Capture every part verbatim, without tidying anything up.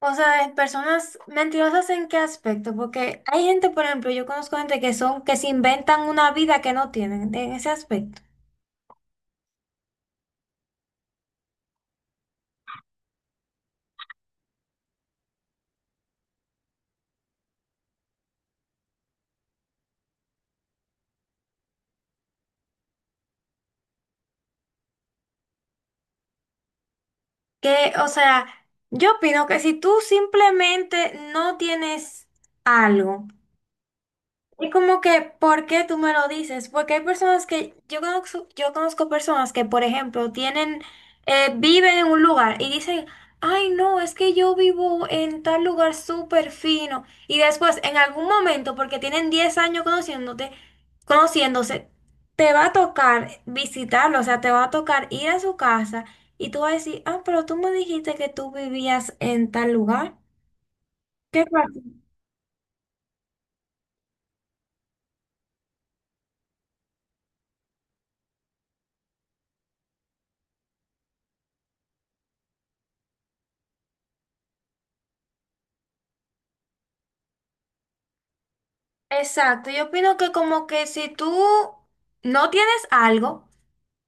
O sea, de personas mentirosas, ¿en qué aspecto? Porque hay gente, por ejemplo, yo conozco gente que son, que se inventan una vida que no tienen en ese aspecto. Que, o sea, yo opino que si tú simplemente no tienes algo, es como que, ¿por qué tú me lo dices? Porque hay personas que, yo conozco, yo conozco personas que, por ejemplo, tienen, eh, viven en un lugar y dicen, ay, no, es que yo vivo en tal lugar súper fino. Y después, en algún momento, porque tienen diez años conociéndote, conociéndose, te va a tocar visitarlo, o sea, te va a tocar ir a su casa y tú vas a decir, ah, pero tú me dijiste que tú vivías en tal lugar. ¿Qué pasa? Exacto, yo opino que como que si tú no tienes algo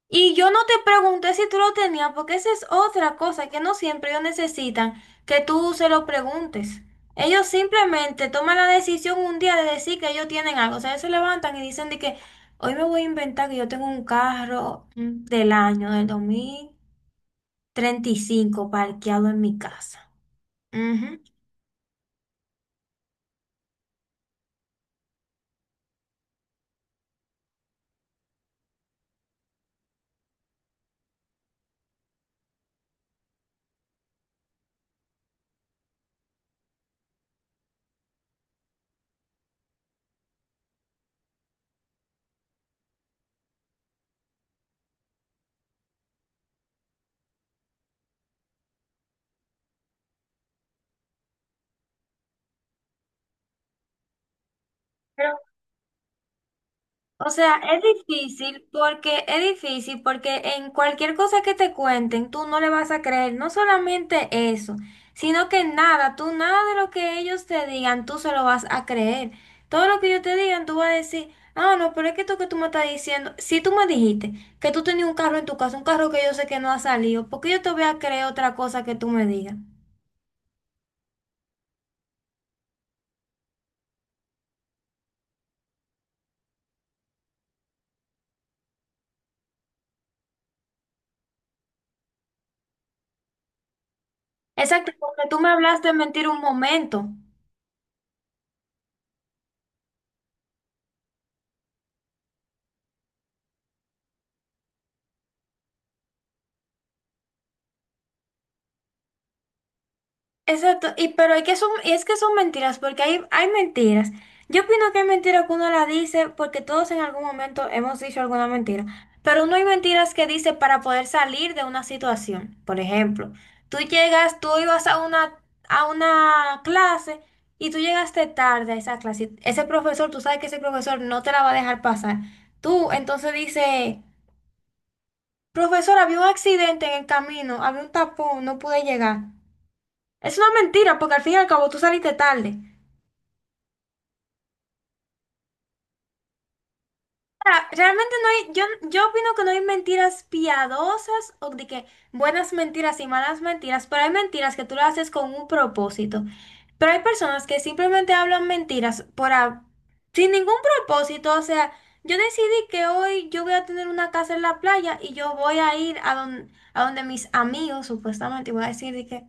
y yo no te pregunté si tú lo tenías, porque esa es otra cosa que no siempre ellos necesitan que tú se lo preguntes. Ellos simplemente toman la decisión un día de decir que ellos tienen algo, o sea, ellos se levantan y dicen de que hoy me voy a inventar que yo tengo un carro mm, del año del dos mil treinta y cinco parqueado en mi casa. Ujú. Pero o sea, es difícil porque es difícil porque en cualquier cosa que te cuenten, tú no le vas a creer, no solamente eso, sino que nada, tú nada de lo que ellos te digan, tú se lo vas a creer. Todo lo que ellos te digan, tú vas a decir, ah, no, pero es que esto que tú me estás diciendo, si tú me dijiste que tú tenías un carro en tu casa, un carro que yo sé que no ha salido, ¿por qué yo te voy a creer otra cosa que tú me digas? Exacto, porque tú me hablaste en mentir un momento. Exacto, y pero hay que son, y es que son mentiras, porque hay, hay mentiras. Yo opino que hay mentiras que uno la dice porque todos en algún momento hemos dicho alguna mentira, pero no hay mentiras que dice para poder salir de una situación. Por ejemplo, tú llegas, tú ibas a una, a una clase y tú llegaste tarde a esa clase. Y ese profesor, tú sabes que ese profesor no te la va a dejar pasar. Tú entonces dices, profesor, había un accidente en el camino, había un tapón, no pude llegar. Es una mentira, porque al fin y al cabo tú saliste tarde. Ahora, realmente no hay, yo, yo opino que no hay mentiras piadosas o de que buenas mentiras y malas mentiras, pero hay mentiras que tú las haces con un propósito. Pero hay personas que simplemente hablan mentiras por, a- sin ningún propósito. O sea, yo decidí que hoy yo voy a tener una casa en la playa y yo voy a ir a, don- a donde mis amigos, supuestamente, y voy a decir de que...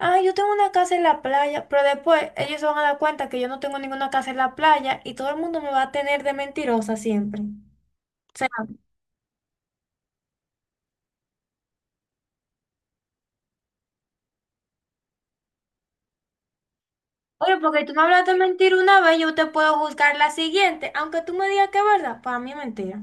Ah, yo tengo una casa en la playa, pero después ellos se van a dar cuenta que yo no tengo ninguna casa en la playa y todo el mundo me va a tener de mentirosa siempre. O sea, oye, porque tú me hablaste mentira una vez, yo te puedo juzgar la siguiente, aunque tú me digas que es verdad, para mí es mentira.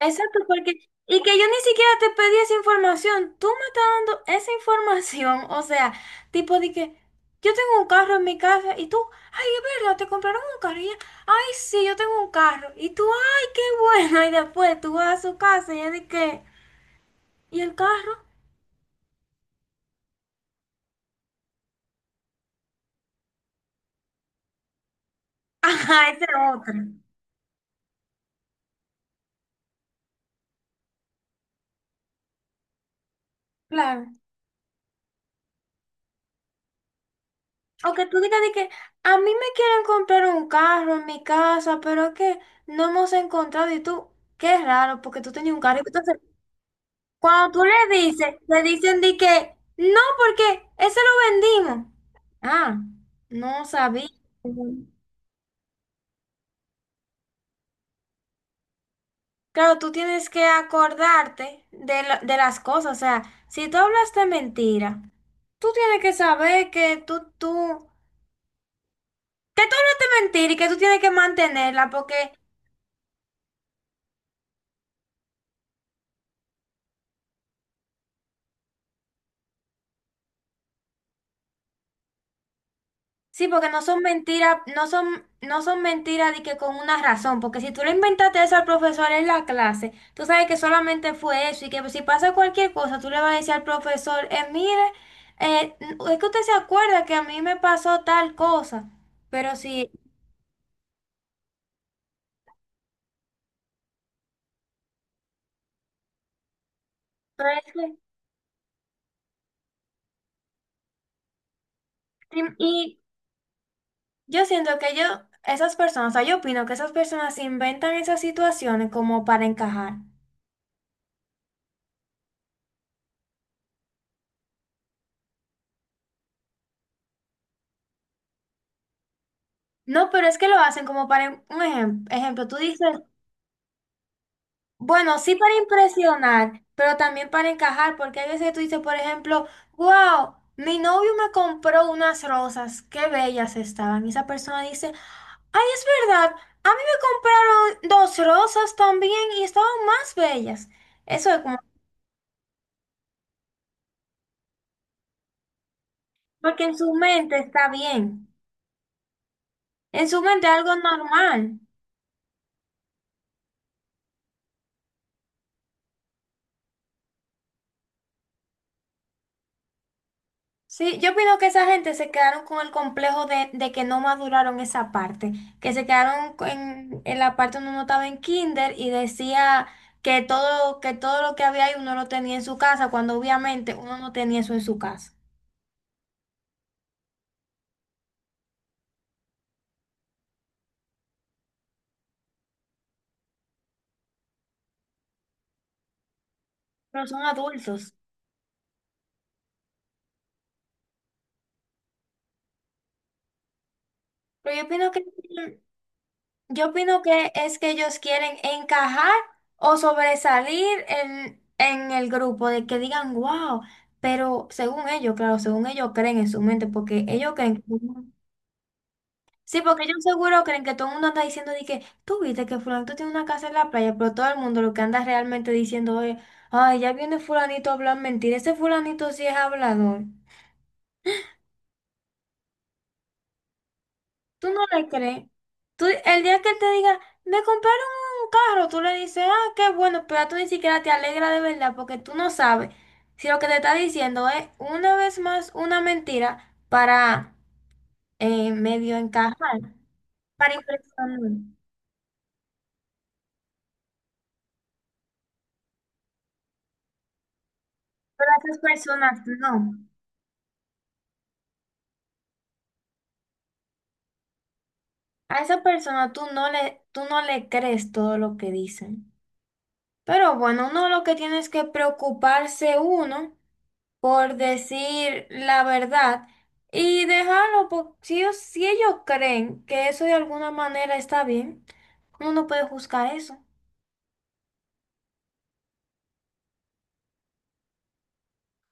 Exacto, porque, y que yo ni siquiera te pedí esa información, tú me estás dando esa información, o sea, tipo de que yo tengo un carro en mi casa y tú, ay, es verdad, te compraron un carro y ella, ay, sí, yo tengo un carro, y tú, ay, qué bueno, y después tú vas a su casa y ella de que, ¿y el carro? Ajá, ese otro. Claro. O que tú digas de que a mí me quieren comprar un carro en mi casa, pero es que no hemos encontrado y tú, qué raro, porque tú tenías un carro. Entonces, cuando tú le dices, le dicen de que no, porque ese lo vendimos. Ah, no sabía. Claro, tú tienes que acordarte de, la- de las cosas. O sea, si tú hablaste mentira, tú tienes que saber que tú, tú, que tú hablaste mentira y que tú tienes que mantenerla porque sí, porque no son mentiras, no son, no son mentiras de que con una razón, porque si tú le inventaste eso al profesor en la clase, tú sabes que solamente fue eso y que si pasa cualquier cosa, tú le vas a decir al profesor, eh, mire, eh, n- es que usted se acuerda que a mí me pasó tal cosa, pero sí, pero es que- sí, y yo siento que yo, esas personas, o sea, yo opino que esas personas inventan esas situaciones como para encajar. No, pero es que lo hacen como para, en- un ejem- ejemplo, tú dices bueno, sí para impresionar, pero también para encajar, porque hay veces que tú dices, por ejemplo, wow, mi novio me compró unas rosas, qué bellas estaban. Y esa persona dice, ay, es verdad, a mí me compraron dos rosas también y estaban más bellas. Eso es como, porque en su mente está bien, en su mente algo normal. Sí, yo opino que esa gente se quedaron con el complejo de, de que no maduraron esa parte, que se quedaron co- en, en la parte donde uno estaba en kinder y decía que todo, que todo lo que había ahí uno lo tenía en su casa, cuando obviamente uno no tenía eso en su casa. Pero son adultos. Pero yo opino que, yo opino que es que ellos quieren encajar o sobresalir en, en el grupo, de que digan, wow, pero según ellos, claro, según ellos creen en su mente, porque ellos creen que... Sí, porque ellos seguro creen que todo el mundo anda diciendo de que tú viste que fulanito tiene una casa en la playa, pero todo el mundo lo que anda realmente diciendo es, ay, ya viene fulanito a hablar mentira, ese fulanito sí es hablador. Tú no le crees. Tú, el día que él te diga, me compraron un carro, tú le dices, ah, qué bueno, pero tú ni siquiera te alegra de verdad porque tú no sabes si lo que te está diciendo es una vez más una mentira para eh, medio encajar, para impresionar. Pero a esas personas no. A esa persona tú no le, tú no le crees todo lo que dicen. Pero bueno, uno lo que tiene es que preocuparse uno por decir la verdad y dejarlo, porque si ellos, si ellos creen que eso de alguna manera está bien, uno no puede juzgar eso.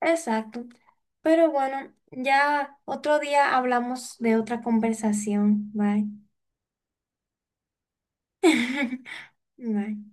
Exacto. Pero bueno, ya otro día hablamos de otra conversación. Bye. Bye.